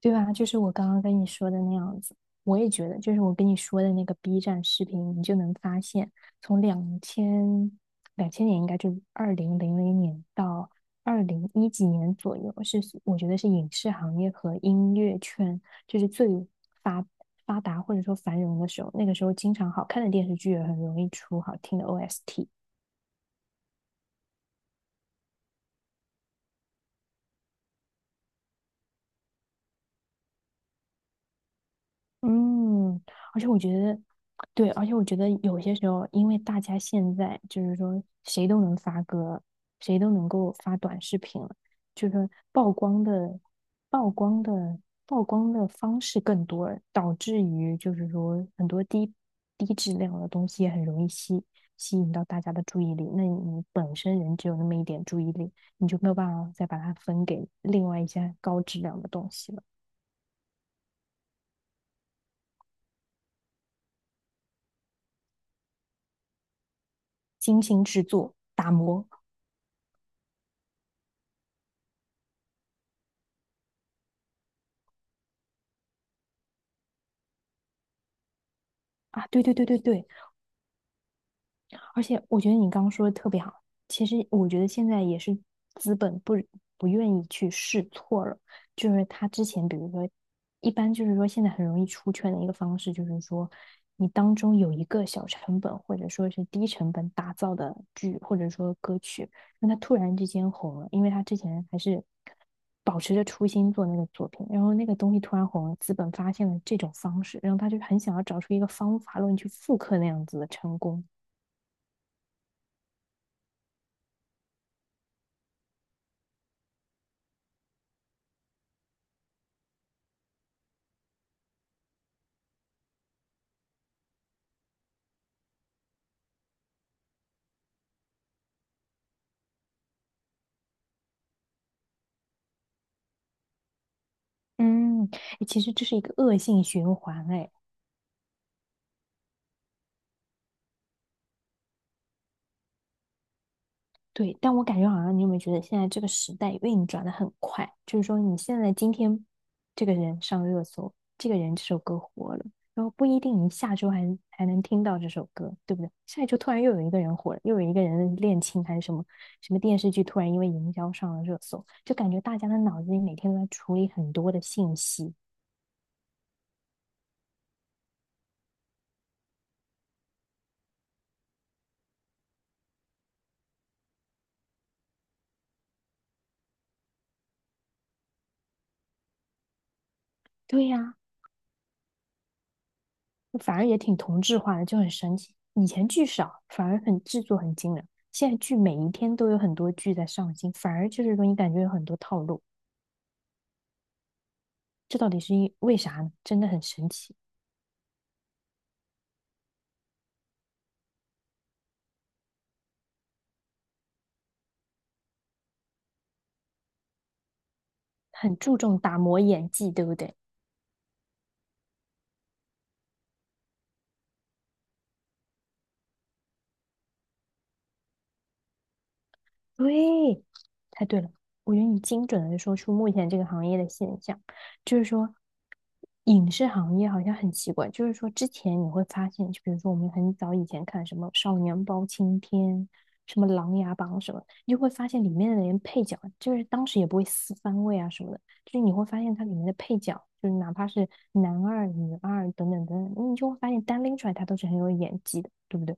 对吧？就是我刚刚跟你说的那样子，我也觉得，就是我跟你说的那个 B 站视频，你就能发现，从两千两千年应该就2000年到201几年左右，是我觉得是影视行业和音乐圈就是最发发达或者说繁荣的时候。那个时候，经常好看的电视剧也很容易出好听的 OST，嗯，而且我觉得，对，而且我觉得有些时候，因为大家现在就是说谁都能发歌，谁都能够发短视频了，就是说曝光的、曝光的、曝光的方式更多了，导致于就是说很多低质量的东西也很容易吸引到大家的注意力。那你本身人只有那么一点注意力，你就没有办法再把它分给另外一些高质量的东西了。精心制作、打磨。啊，对对对对对，而且我觉得你刚刚说的特别好，其实我觉得现在也是资本不愿意去试错了，就是他之前比如说，一般就是说现在很容易出圈的一个方式，就是说你当中有一个小成本或者说是低成本打造的剧或者说歌曲，那他突然之间红了，因为他之前还是保持着初心做那个作品，然后那个东西突然红了，资本发现了这种方式，然后他就很想要找出一个方法论去复刻那样子的成功。嗯，诶其实这是一个恶性循环，哎，对。但我感觉好像你有没有觉得现在这个时代运转的很快？就是说，你现在今天这个人上热搜，这个人这首歌火了，然后不一定你下周还能听到这首歌，对不对？下一周突然又有一个人火了，又有一个人恋情还是什么什么电视剧突然因为营销上了热搜，就感觉大家的脑子里每天都在处理很多的信息。对呀、反而也挺同质化的，就很神奇。以前剧少，反而很制作很精良，现在剧每一天都有很多剧在上新，反而就是说你感觉有很多套路，这到底是因为啥呢？真的很神奇，很注重打磨演技，对不对？对，太对了。我觉得你精准的说出目前这个行业的现象，就是说，影视行业好像很奇怪，就是说之前你会发现，就比如说我们很早以前看什么《少年包青天》、什么《琅琊榜》什么，你就会发现里面的人配角，就是当时也不会撕番位啊什么的，就是你会发现它里面的配角，就是哪怕是男二、女二等等等等，你就会发现单拎出来他都是很有演技的，对不对？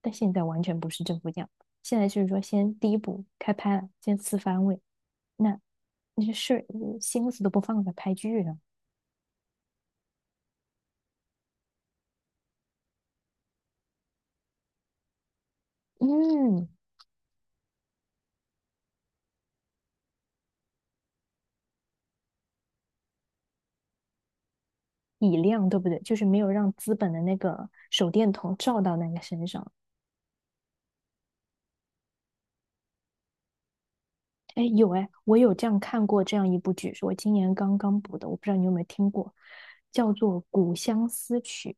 但现在完全不是政府这样，现在就是说先第一步开拍了，先四番位，那那些事嗯心思都不放在拍剧上，嗯，体量对不对？就是没有让资本的那个手电筒照到那个身上。哎，有哎，我有这样看过这样一部剧，是我今年刚刚补的，我不知道你有没有听过，叫做《古相思曲》。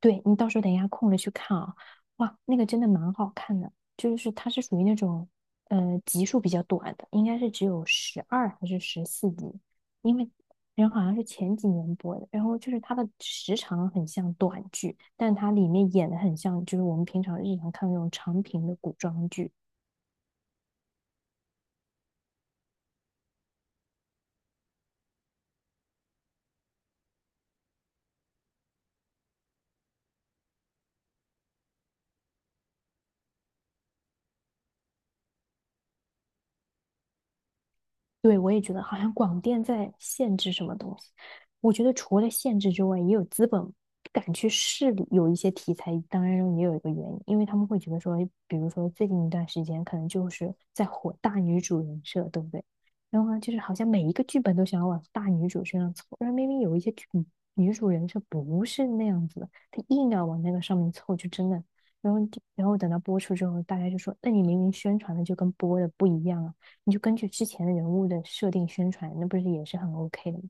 对，你到时候等一下空了去看啊，哇，那个真的蛮好看的，就是它是属于那种，集数比较短的，应该是只有12还是14集，因为人好像是前几年播的，然后就是它的时长很像短剧，但它里面演的很像就是我们平常日常看的那种长平的古装剧，对，我也觉得好像广电在限制什么东西。我觉得除了限制之外，也有资本不敢去试有一些题材，当然也有一个原因，因为他们会觉得说，比如说最近一段时间可能就是在火大女主人设，对不对？然后呢，就是好像每一个剧本都想要往大女主身上凑，然后明明有一些剧女主人设不是那样子的，她硬要往那个上面凑，就真的，然后等到播出之后，大家就说，那你明明宣传的就跟播的不一样啊。你就根据之前人物的设定宣传，那不是也是很 OK 的吗？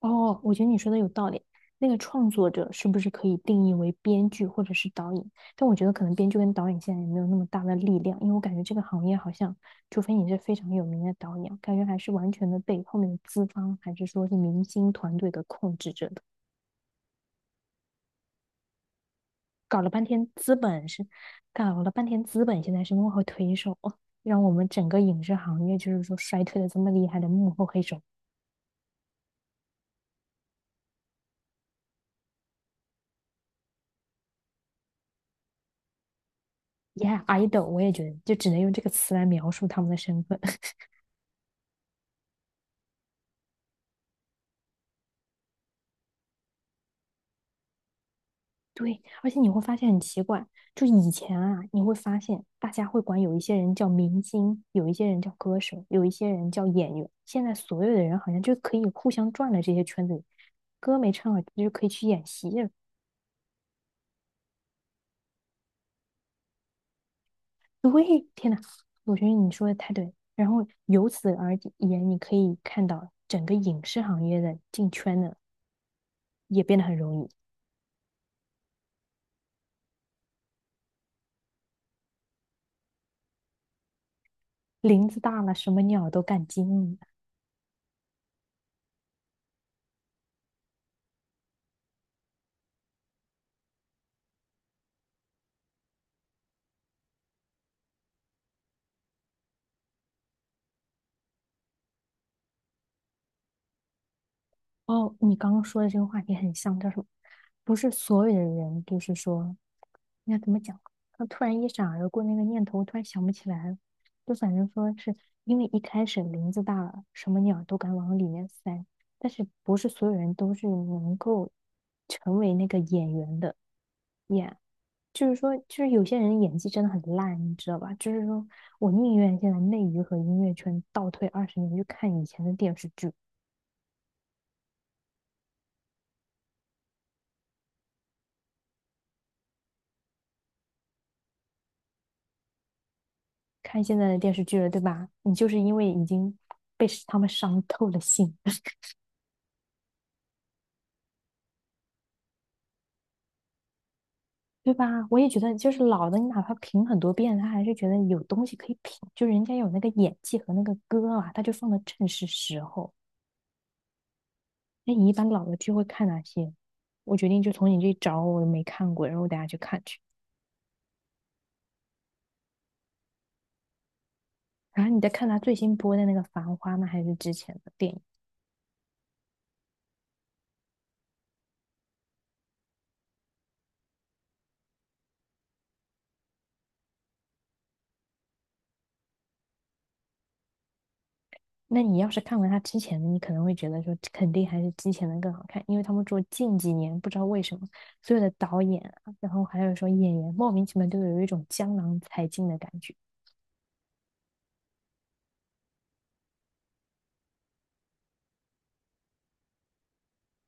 哦，我觉得你说的有道理。那个创作者是不是可以定义为编剧或者是导演？但我觉得可能编剧跟导演现在也没有那么大的力量，因为我感觉这个行业好像，除非你是非常有名的导演，感觉还是完全的被后面的资方还是说是明星团队给控制着的。搞了半天资本是，搞了半天资本现在是幕后推手，哦让我们整个影视行业就是说衰退的这么厉害的幕后黑手。Yeah，idol，我也觉得，就只能用这个词来描述他们的身份。对，而且你会发现很奇怪，就以前啊，你会发现大家会管有一些人叫明星，有一些人叫歌手，有一些人叫演员。现在所有的人好像就可以互相转了这些圈子里，歌没唱好就可以去演戏了。对，天呐，我觉得你说的太对然后由此而言，你可以看到整个影视行业的进圈的也变得很容易，林子大了，什么鸟都敢进。哦，你刚刚说的这个话题很像，叫什么？不是所有的人，就是说，应该怎么讲？他突然一闪而过那个念头，我突然想不起来了就反正说是因为一开始林子大了，什么鸟都敢往里面塞，但是不是所有人都是能够成为那个演员的演。就是说，就是有些人演技真的很烂，你知道吧？就是说我宁愿现在内娱和音乐圈倒退二十年去看以前的电视剧。看现在的电视剧了，对吧？你就是因为已经被他们伤透了心，对吧？我也觉得，就是老的，你哪怕评很多遍，他还是觉得有东西可以评，就人家有那个演技和那个歌啊，他就放的正是时候。那你一般老的剧会看哪些？我决定就从你这找，我没看过，然后我等下去看去。然后你再看他最新播的那个《繁花》吗？还是之前的电影？那你要是看完他之前的，你可能会觉得说，肯定还是之前的更好看，因为他们说近几年不知道为什么，所有的导演啊，然后还有说演员，莫名其妙都有一种江郎才尽的感觉。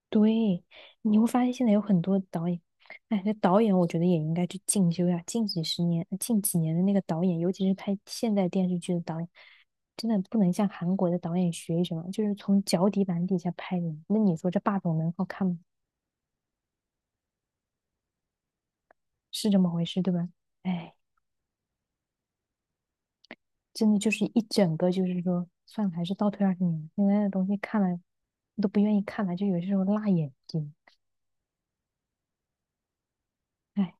对，你会发现现在有很多导演，哎，这导演我觉得也应该去进修呀。近几十年、近几年的那个导演，尤其是拍现代电视剧的导演，真的不能像韩国的导演学什么，就是从脚底板底下拍的。那你说这霸总能好看吗？是这么回事，对吧？哎。真的就是一整个，就是说，算了，还是倒退二十年现在的东西看了都不愿意看了，就有些时候辣眼睛。哎，